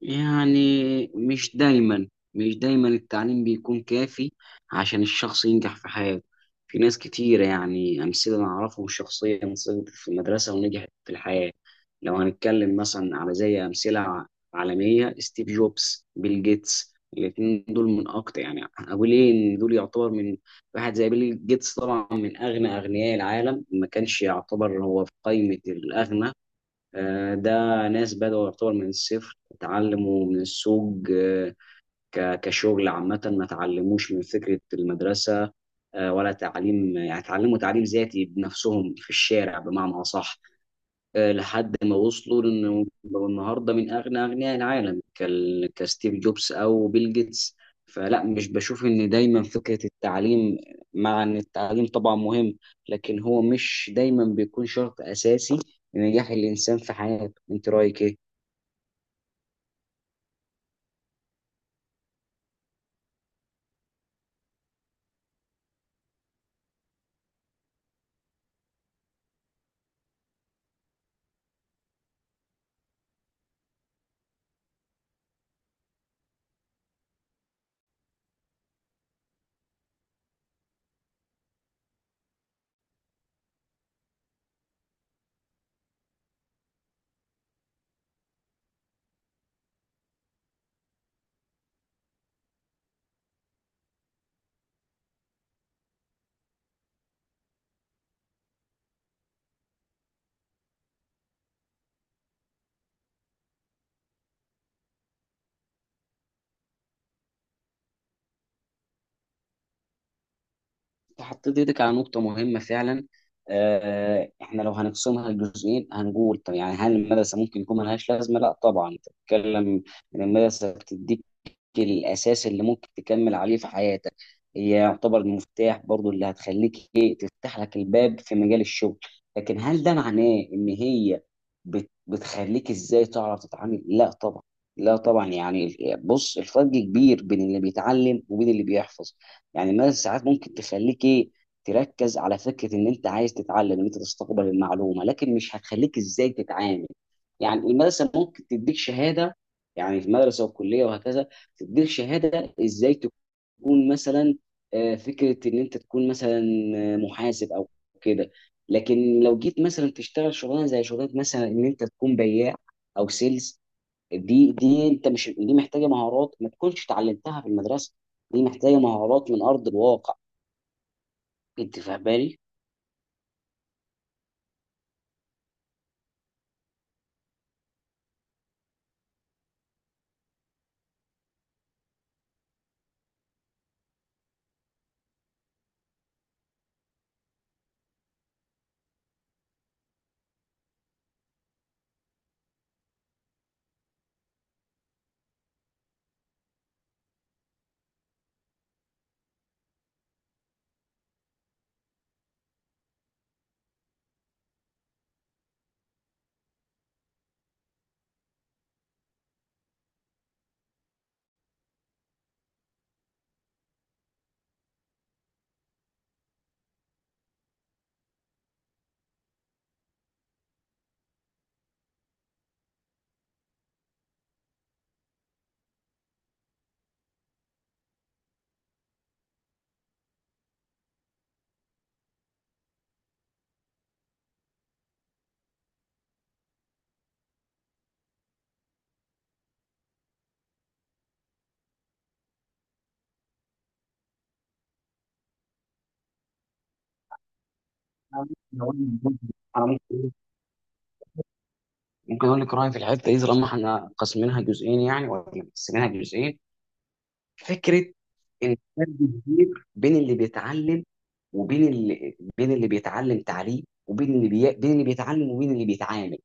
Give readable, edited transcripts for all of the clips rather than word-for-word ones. يعني مش دايما مش دايما التعليم بيكون كافي عشان الشخص ينجح في حياته. في ناس كتيرة، يعني أمثلة أنا أعرفهم شخصيا، سقطت في المدرسة ونجحت في الحياة. لو هنتكلم مثلا على زي أمثلة عالمية، ستيف جوبز، بيل جيتس، الاتنين دول من أكتر، يعني أقول إيه، إن دول يعتبر من، واحد زي بيل جيتس طبعا من أغنى أغنياء العالم، ما كانش يعتبر هو في قائمة الأغنى. ده ناس بدأوا، يعتبر من الصفر، اتعلموا من السوق، كشغل عامة ما اتعلموش من فكرة المدرسة. ولا تعليم، يعني اتعلموا تعليم ذاتي بنفسهم في الشارع، بمعنى أصح. لحد ما وصلوا لانه بقوا النهارده من اغنى اغنياء العالم، كستيف جوبز او بيل جيتس. فلا، مش بشوف ان دايما فكره التعليم، مع ان التعليم طبعا مهم، لكن هو مش دايما بيكون شرط اساسي لنجاح الانسان في حياته. انت رايك ايه؟ انت حطيت ايدك على نقطه مهمه فعلا. احنا لو هنقسمها لجزئين، هنقول طب يعني، هل المدرسه ممكن يكون ملهاش لازمه؟ لا طبعا، تتكلم ان المدرسه بتديك الأساس اللي ممكن تكمل عليه في حياتك. هي يعتبر المفتاح برضو اللي هتخليك إيه، تفتح لك الباب في مجال الشغل. لكن هل ده معناه إن هي بتخليك إزاي تعرف تتعامل؟ لا طبعا، لا طبعا يعني، بص، الفرق كبير بين اللي بيتعلم وبين اللي بيحفظ. يعني مثلا ساعات ممكن تخليك إيه، تركز على فكرة إن أنت عايز تتعلم، إن أنت تستقبل المعلومة، لكن مش هتخليك إزاي تتعامل. يعني المدرسة ممكن تديك شهادة، يعني في المدرسة والكلية وهكذا، تديك شهاده ازاي تكون مثلا، فكره ان انت تكون مثلا محاسب او كده. لكن لو جيت مثلا تشتغل شغلانه زي شغلانه مثلا، ان انت تكون بياع او سيلز، دي انت، مش دي محتاجه مهارات ما تكونش اتعلمتها في المدرسه، دي محتاجه مهارات من ارض الواقع. انت فاهماني؟ انا ممكن أقول أنا ممكن اقول ممكن اقول لك رايي في الحته دي، طالما احنا قاسمينها جزئين يعني، ولا مقسمينها جزئين. فكره ان فرق كبير بين اللي بيتعلم، وبين اللي بين اللي بيتعلم تعليم، بين اللي بيتعلم وبين اللي بيتعامل.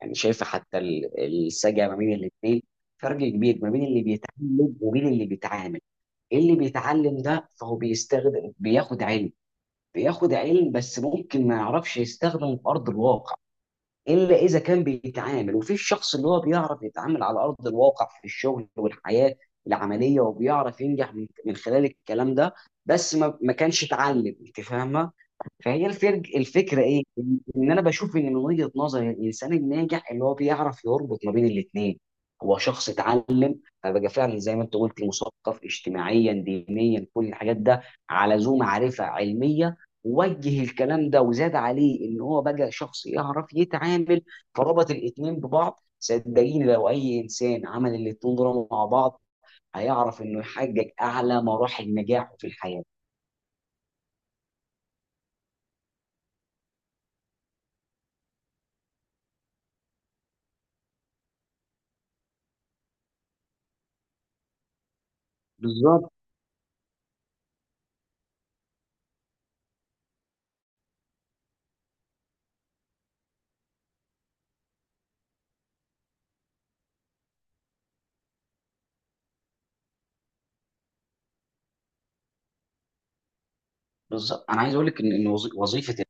يعني شايفه حتى السجع ما بين الاثنين، فرق كبير ما بين اللي بيتعلم وبين اللي بيتعامل. اللي بيتعلم ده، فهو بياخد علم، بياخد علم بس ممكن ما يعرفش يستخدمه في ارض الواقع، الا اذا كان بيتعامل. وفي الشخص اللي هو بيعرف يتعامل على ارض الواقع، في الشغل والحياه العمليه، وبيعرف ينجح من خلال الكلام ده، بس ما كانش اتعلم. انت فاهمه؟ فهي الفرق، الفكره ايه، ان انا بشوف ان من وجهه نظري، الانسان الناجح اللي هو بيعرف يربط ما بين الاثنين، هو شخص اتعلم. انا بقى، فعلا زي ما انت قلت، مثقف اجتماعيا دينيا، كل الحاجات ده، على ذو معرفه علميه، وجه الكلام ده، وزاد عليه ان هو بقى شخص يعرف يتعامل، فربط الاتنين ببعض. صدقيني، لو اي انسان عمل الاتنين دول مع بعض، هيعرف انه يحقق اعلى مراحل نجاحه في الحياه. بالظبط. بالظبط، انا عايز اقول لك ان وظيفه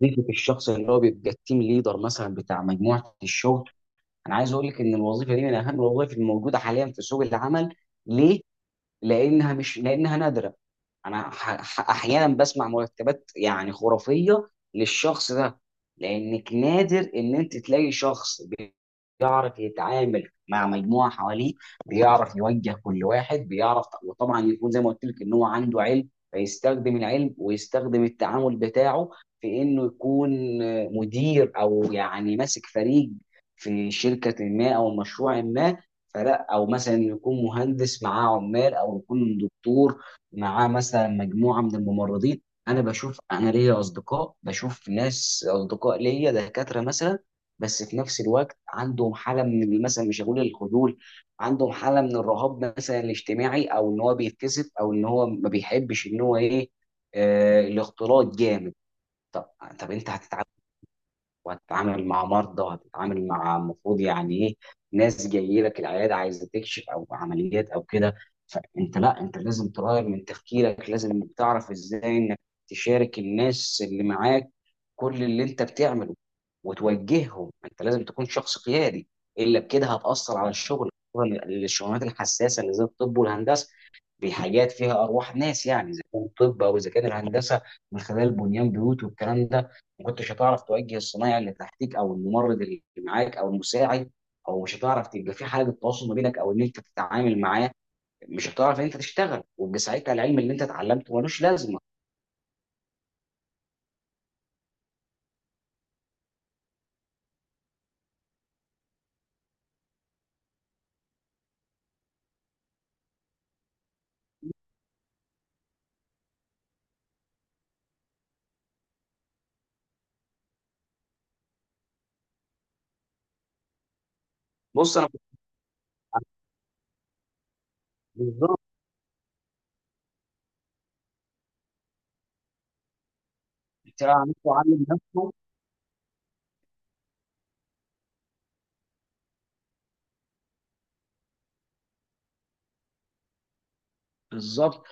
وظيفه الشخص اللي هو بيبقى التيم ليدر مثلا بتاع مجموعه الشغل. انا عايز اقول لك ان الوظيفه دي من اهم الوظائف الموجوده حاليا في سوق العمل. ليه؟ لأنها مش لأنها نادرة. انا احيانا بسمع مرتبات يعني خرافيه للشخص ده، لانك نادر ان انت تلاقي شخص بيعرف يتعامل مع مجموعه حواليه، بيعرف يوجه كل واحد، بيعرف وطبعا يكون زي ما قلت لك ان هو عنده علم، فيستخدم العلم ويستخدم التعامل بتاعه في انه يكون مدير، او يعني ماسك فريق في شركه ما او مشروع ما. فلا، او مثلا يكون مهندس معاه عمال، او يكون دكتور معاه مثلا مجموعه من الممرضين. انا ليا اصدقاء، بشوف ناس اصدقاء ليا دكاتره مثلا، بس في نفس الوقت عندهم حاله من، مثلا مش هقول الخجول، عندهم حاله من الرهاب مثلا الاجتماعي، او ان هو بيتكسف، او ان هو ما بيحبش ان هو ايه، الاختلاط جامد. طب انت هتتعامل، وهتتعامل مع مرضى، وهتتعامل مع المفروض يعني ايه، ناس جايه لك العياده عايزه تكشف، او عمليات او كده. فانت لا، انت لازم تغير من تفكيرك، لازم انك تعرف ازاي انك تشارك الناس اللي معاك كل اللي انت بتعمله وتوجههم. انت لازم تكون شخص قيادي، الا بكده هتاثر على الشغل، خصوصاً الشغلانات الحساسه اللي زي الطب والهندسه، بحاجات فيها ارواح ناس يعني، اذا كان الطب او اذا كان الهندسه من خلال بنيان بيوت والكلام ده. ما كنتش هتعرف توجه الصنايعي اللي تحتك، او الممرض اللي معاك، او المساعد، او مش هتعرف تبقى في حاجه تواصل ما بينك، او ان انت تتعامل معاه، مش هتعرف ان انت تشتغل، ويبقى ساعتها العلم اللي انت اتعلمته ملوش لازمه. بص انا كنت. بالظبط. بتاع نفسه علم نفسه. بالظبط.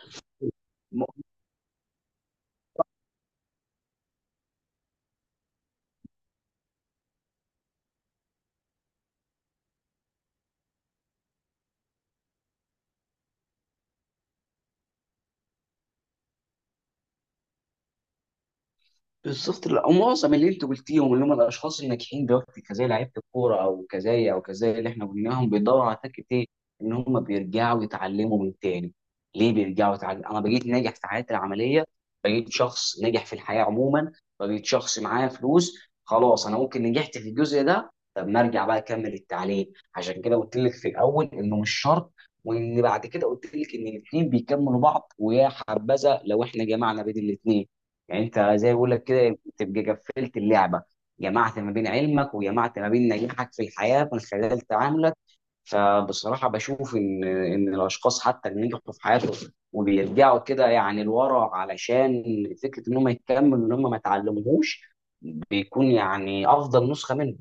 بالظبط، لا، ومعظم اللي انت قلتيهم اللي هم الاشخاص الناجحين دلوقتي، كزي لعيبه الكوره او كزي اللي احنا قلناهم، بيدوروا على فكره ايه، ان هم بيرجعوا يتعلموا من تاني. ليه بيرجعوا يتعلموا؟ انا بقيت ناجح في حياتي العمليه، بقيت شخص ناجح في الحياه عموما، بقيت شخص معايا فلوس، خلاص. انا ممكن نجحت في الجزء ده، طب ما ارجع بقى اكمل التعليم. عشان كده قلت لك في الاول انه مش شرط، وان بعد كده قلت لك ان الاثنين بيكملوا بعض، ويا حبذا لو احنا جمعنا بين الاثنين، يعني انت زي ما بقول لك كده، تبقى قفلت اللعبه، جمعت ما بين علمك، وجمعت ما بين نجاحك في الحياه من خلال تعاملك. فبصراحه بشوف ان الاشخاص حتى اللي نجحوا في حياتهم، وبيرجعوا كده يعني لورا، علشان فكره ان هم يكملوا ان هم ما اتعلموهوش، بيكون يعني افضل نسخه منهم.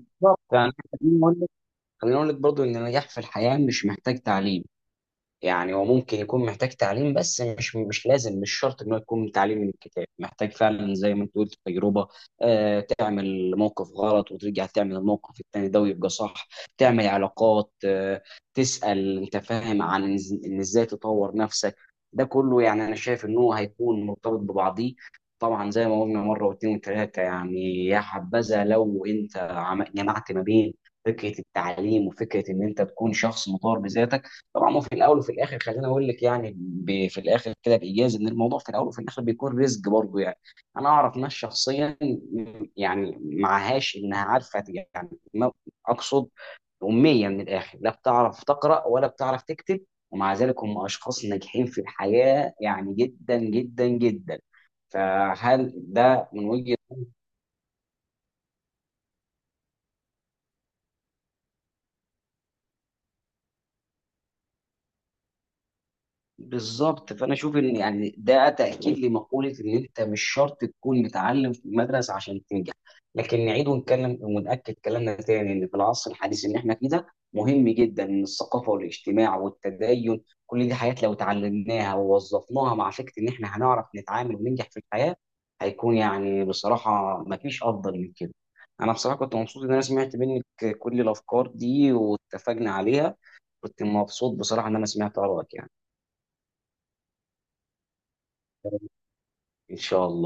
بالظبط فانا، خليني اقول لك خليني اقول لك برضه، ان النجاح في الحياه مش محتاج تعليم. يعني هو ممكن يكون محتاج تعليم بس، مش لازم، مش شرط ان هو يكون تعليم من الكتاب، محتاج فعلا زي ما انت قلت تجربه. تعمل موقف غلط، وترجع تعمل الموقف التاني ده ويبقى صح، تعمل علاقات، تسأل انت فاهم عن إز- ان ازاي تطور نفسك. ده كله يعني، انا شايف ان هو هيكون مرتبط ببعضيه. طبعا زي ما قلنا مره واثنين وثلاثه يعني، يا حبذا لو انت جمعت ما بين فكره التعليم وفكره ان انت تكون شخص مطور بذاتك. طبعا هو في الاول وفي الاخر، خليني اقول لك يعني، في الاخر كده بايجاز، ان الموضوع في الاول وفي الاخر بيكون رزق برضه يعني. انا اعرف ناس شخصيا، يعني معهاش انها عارفه، يعني ما اقصد، اميه من الاخر، لا بتعرف تقرا ولا بتعرف تكتب، ومع ذلك هم اشخاص ناجحين في الحياه يعني، جدا جدا جدا. فهل ده من وجهه. بالظبط فانا اشوف ان يعني، ده تاكيد لمقوله ان انت مش شرط تكون متعلم في المدرسه عشان تنجح. لكن نعيد ونكلم ونأكد كلامنا تاني، ان في العصر الحديث ان احنا فيه ده، مهم جدا ان الثقافه والاجتماع والتدين، كل دي حاجات لو اتعلمناها ووظفناها مع فكره ان احنا هنعرف نتعامل وننجح في الحياه، هيكون يعني بصراحه مفيش افضل من كده. انا بصراحه كنت مبسوط ان انا سمعت منك كل الافكار دي واتفقنا عليها. كنت مبسوط بصراحه ان انا سمعت ارائك يعني. إن شاء الله.